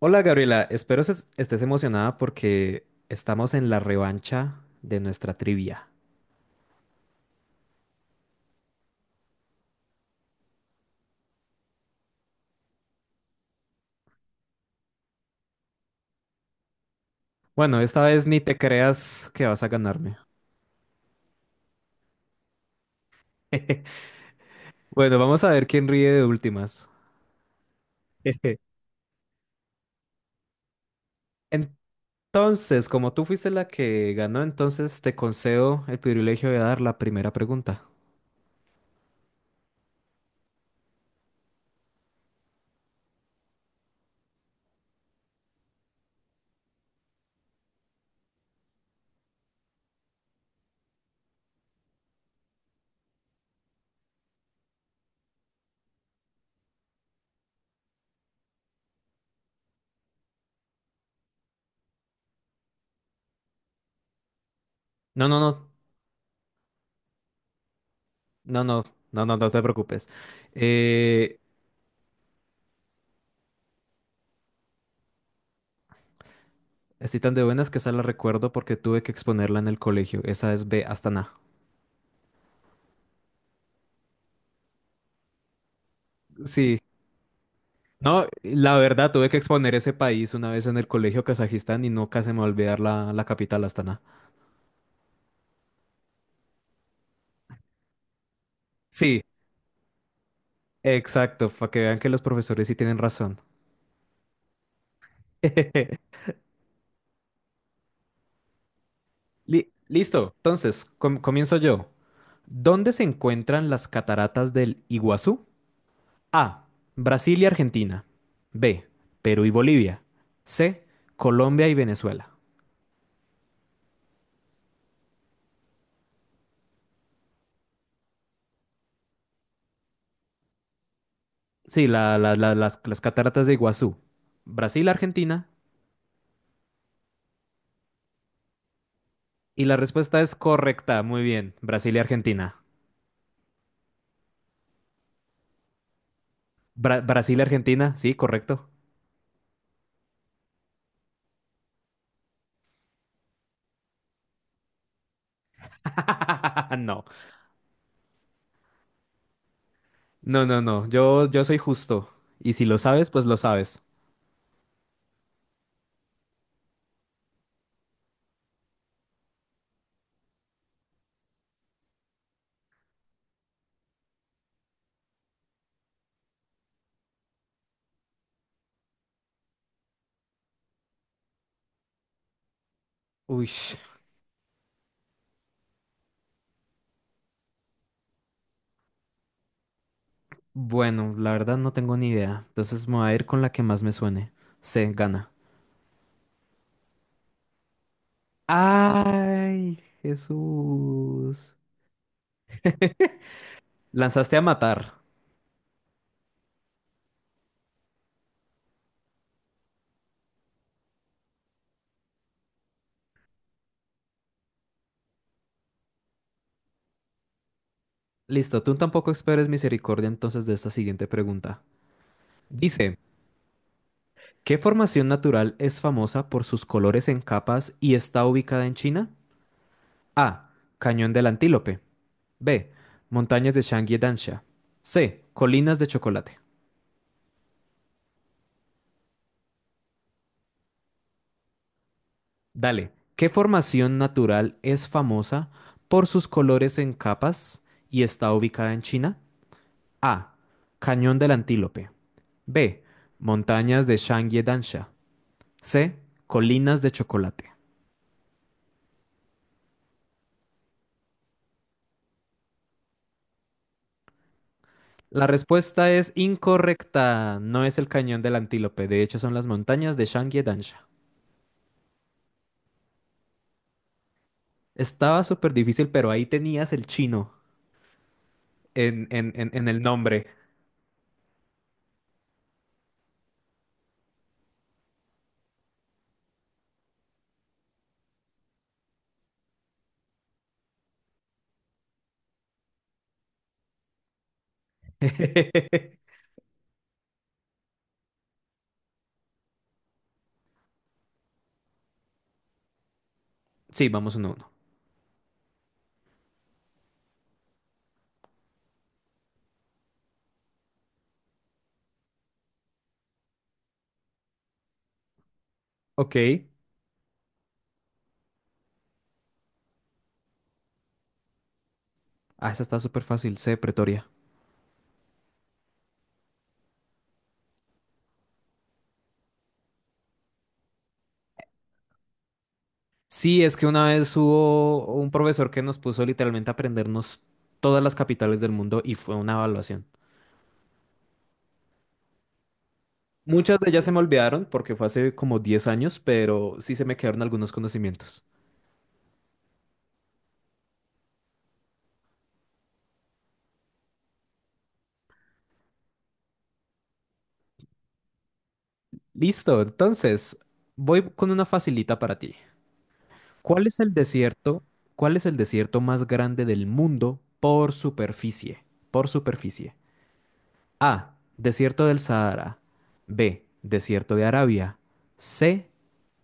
Hola Gabriela, espero estés emocionada porque estamos en la revancha de nuestra trivia. Bueno, esta vez ni te creas que vas a ganarme. Bueno, vamos a ver quién ríe de últimas. Entonces, como tú fuiste la que ganó, entonces te concedo el privilegio de dar la primera pregunta. No, no, no, no, no, no, no, no te preocupes. Eh, Estoy tan de buenas que esa la recuerdo porque tuve que exponerla en el colegio. Esa es B hasta na. Sí. No, la verdad, tuve que exponer ese país una vez en el colegio Kazajistán y nunca se me va a olvidar la capital, Astana. Sí, exacto, para que vean que los profesores sí tienen razón. Listo, entonces, comienzo yo. ¿Dónde se encuentran las cataratas del Iguazú? A. Brasil y Argentina. B. Perú y Bolivia. C. Colombia y Venezuela. Sí, las cataratas de Iguazú. Brasil, Argentina. Y la respuesta es correcta. Muy bien. Brasil y Argentina. Brasil y Argentina, sí, correcto. No, no, no, no. Yo soy justo. Y si lo sabes, pues lo sabes. Uy, bueno, la verdad no tengo ni idea. Entonces me voy a ir con la que más me suene. Se gana. Ay, Jesús. Lanzaste a matar. Listo, tú tampoco esperes misericordia entonces de esta siguiente pregunta. Dice. ¿Qué formación natural es famosa por sus colores en capas y está ubicada en China? A. Cañón del Antílope. B. Montañas de Shangri Dansha. C. Colinas de Chocolate. Dale. ¿Qué formación natural es famosa por sus colores en capas y está ubicada en China? A. Cañón del Antílope. B. Montañas de Shangri Dansha. C. Colinas de Chocolate. La respuesta es incorrecta. No es el cañón del Antílope. De hecho, son las montañas de shangye. Estaba súper difícil, pero ahí tenías el chino en el nombre. Sí, vamos uno a uno. Ok. Ah, esa está súper fácil. C, Pretoria. Sí, es que una vez hubo un profesor que nos puso literalmente a aprendernos todas las capitales del mundo y fue una evaluación. Muchas de ellas se me olvidaron porque fue hace como 10 años, pero sí se me quedaron algunos conocimientos. Listo, entonces voy con una facilita para ti. ¿Cuál es el desierto? ¿Cuál es el desierto más grande del mundo por superficie? Por superficie. A. Desierto del Sahara. B. Desierto de Arabia. C.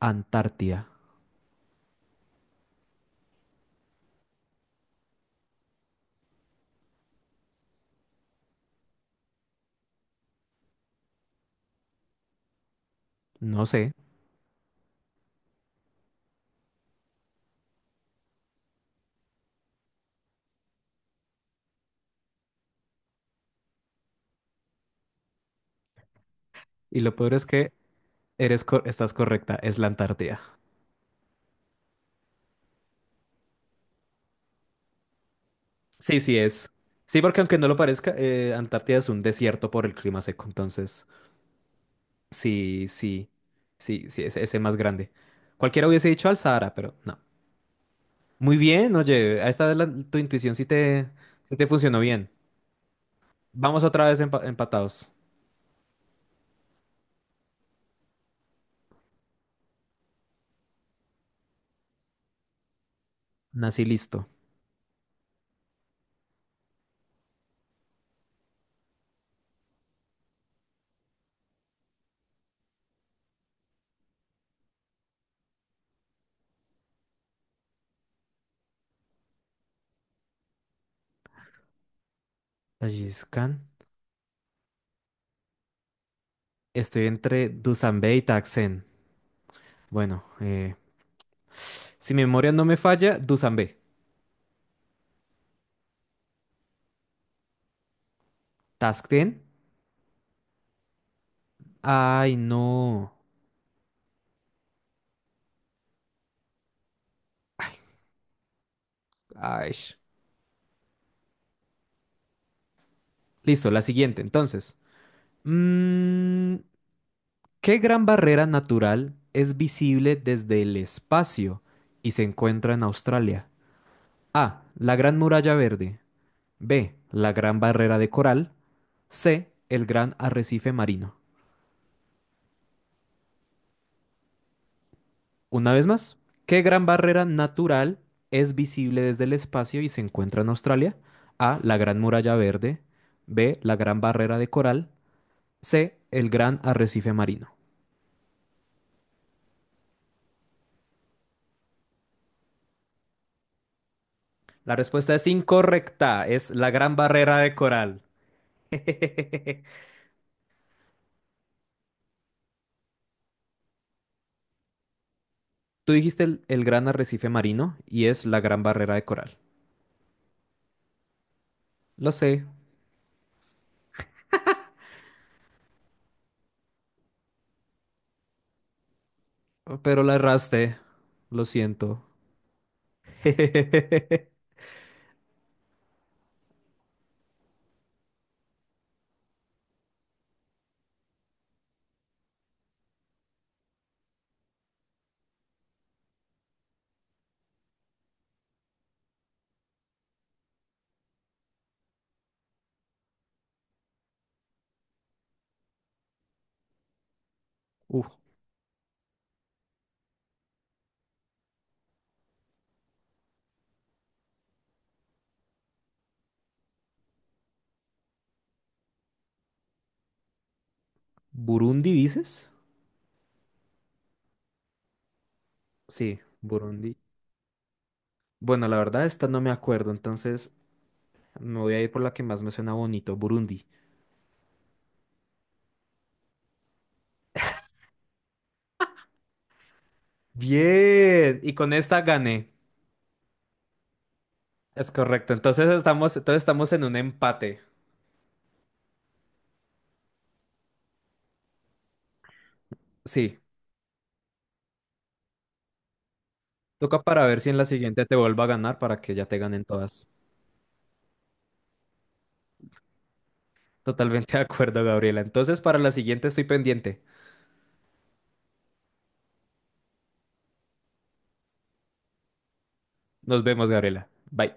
Antártida. No sé. Y lo peor es que estás correcta, es la Antártida. Sí, sí es. Sí, porque aunque no lo parezca, Antártida es un desierto por el clima seco, entonces. Sí, sí, sí, sí, ese más grande. Cualquiera hubiese dicho al Sahara, pero no. Muy bien, oye, a esta vez tu intuición sí te funcionó bien. Vamos otra vez empatados. Nací listo. Tajikistán. Estoy entre Dusanbe y Taksen. Bueno, si mi memoria no me falla, Dusanbe. Taksen. Ay, no. Ay, ay. Listo, la siguiente, entonces. Mm, ¿Qué gran barrera natural es visible desde el espacio y se encuentra en Australia? A. La Gran Muralla Verde. B. La Gran Barrera de Coral. C. El Gran Arrecife Marino. Una vez más, ¿qué gran barrera natural es visible desde el espacio y se encuentra en Australia? A. La Gran Muralla Verde. B. La Gran Barrera de Coral. C. El Gran Arrecife Marino. La respuesta es incorrecta. Es la Gran Barrera de Coral. Tú dijiste el gran arrecife marino y es la gran barrera de coral. Lo sé, pero la erraste. Lo siento. Uf, ¿Burundi dices? Sí, Burundi. Bueno, la verdad, esta no me acuerdo, entonces me voy a ir por la que más me suena bonito, Burundi. Bien, y con esta gané. Es correcto, entonces estamos en un empate. Sí, toca para ver si en la siguiente te vuelvo a ganar para que ya te ganen todas. Totalmente de acuerdo, Gabriela. Entonces, para la siguiente estoy pendiente. Nos vemos, Gabriela. Bye.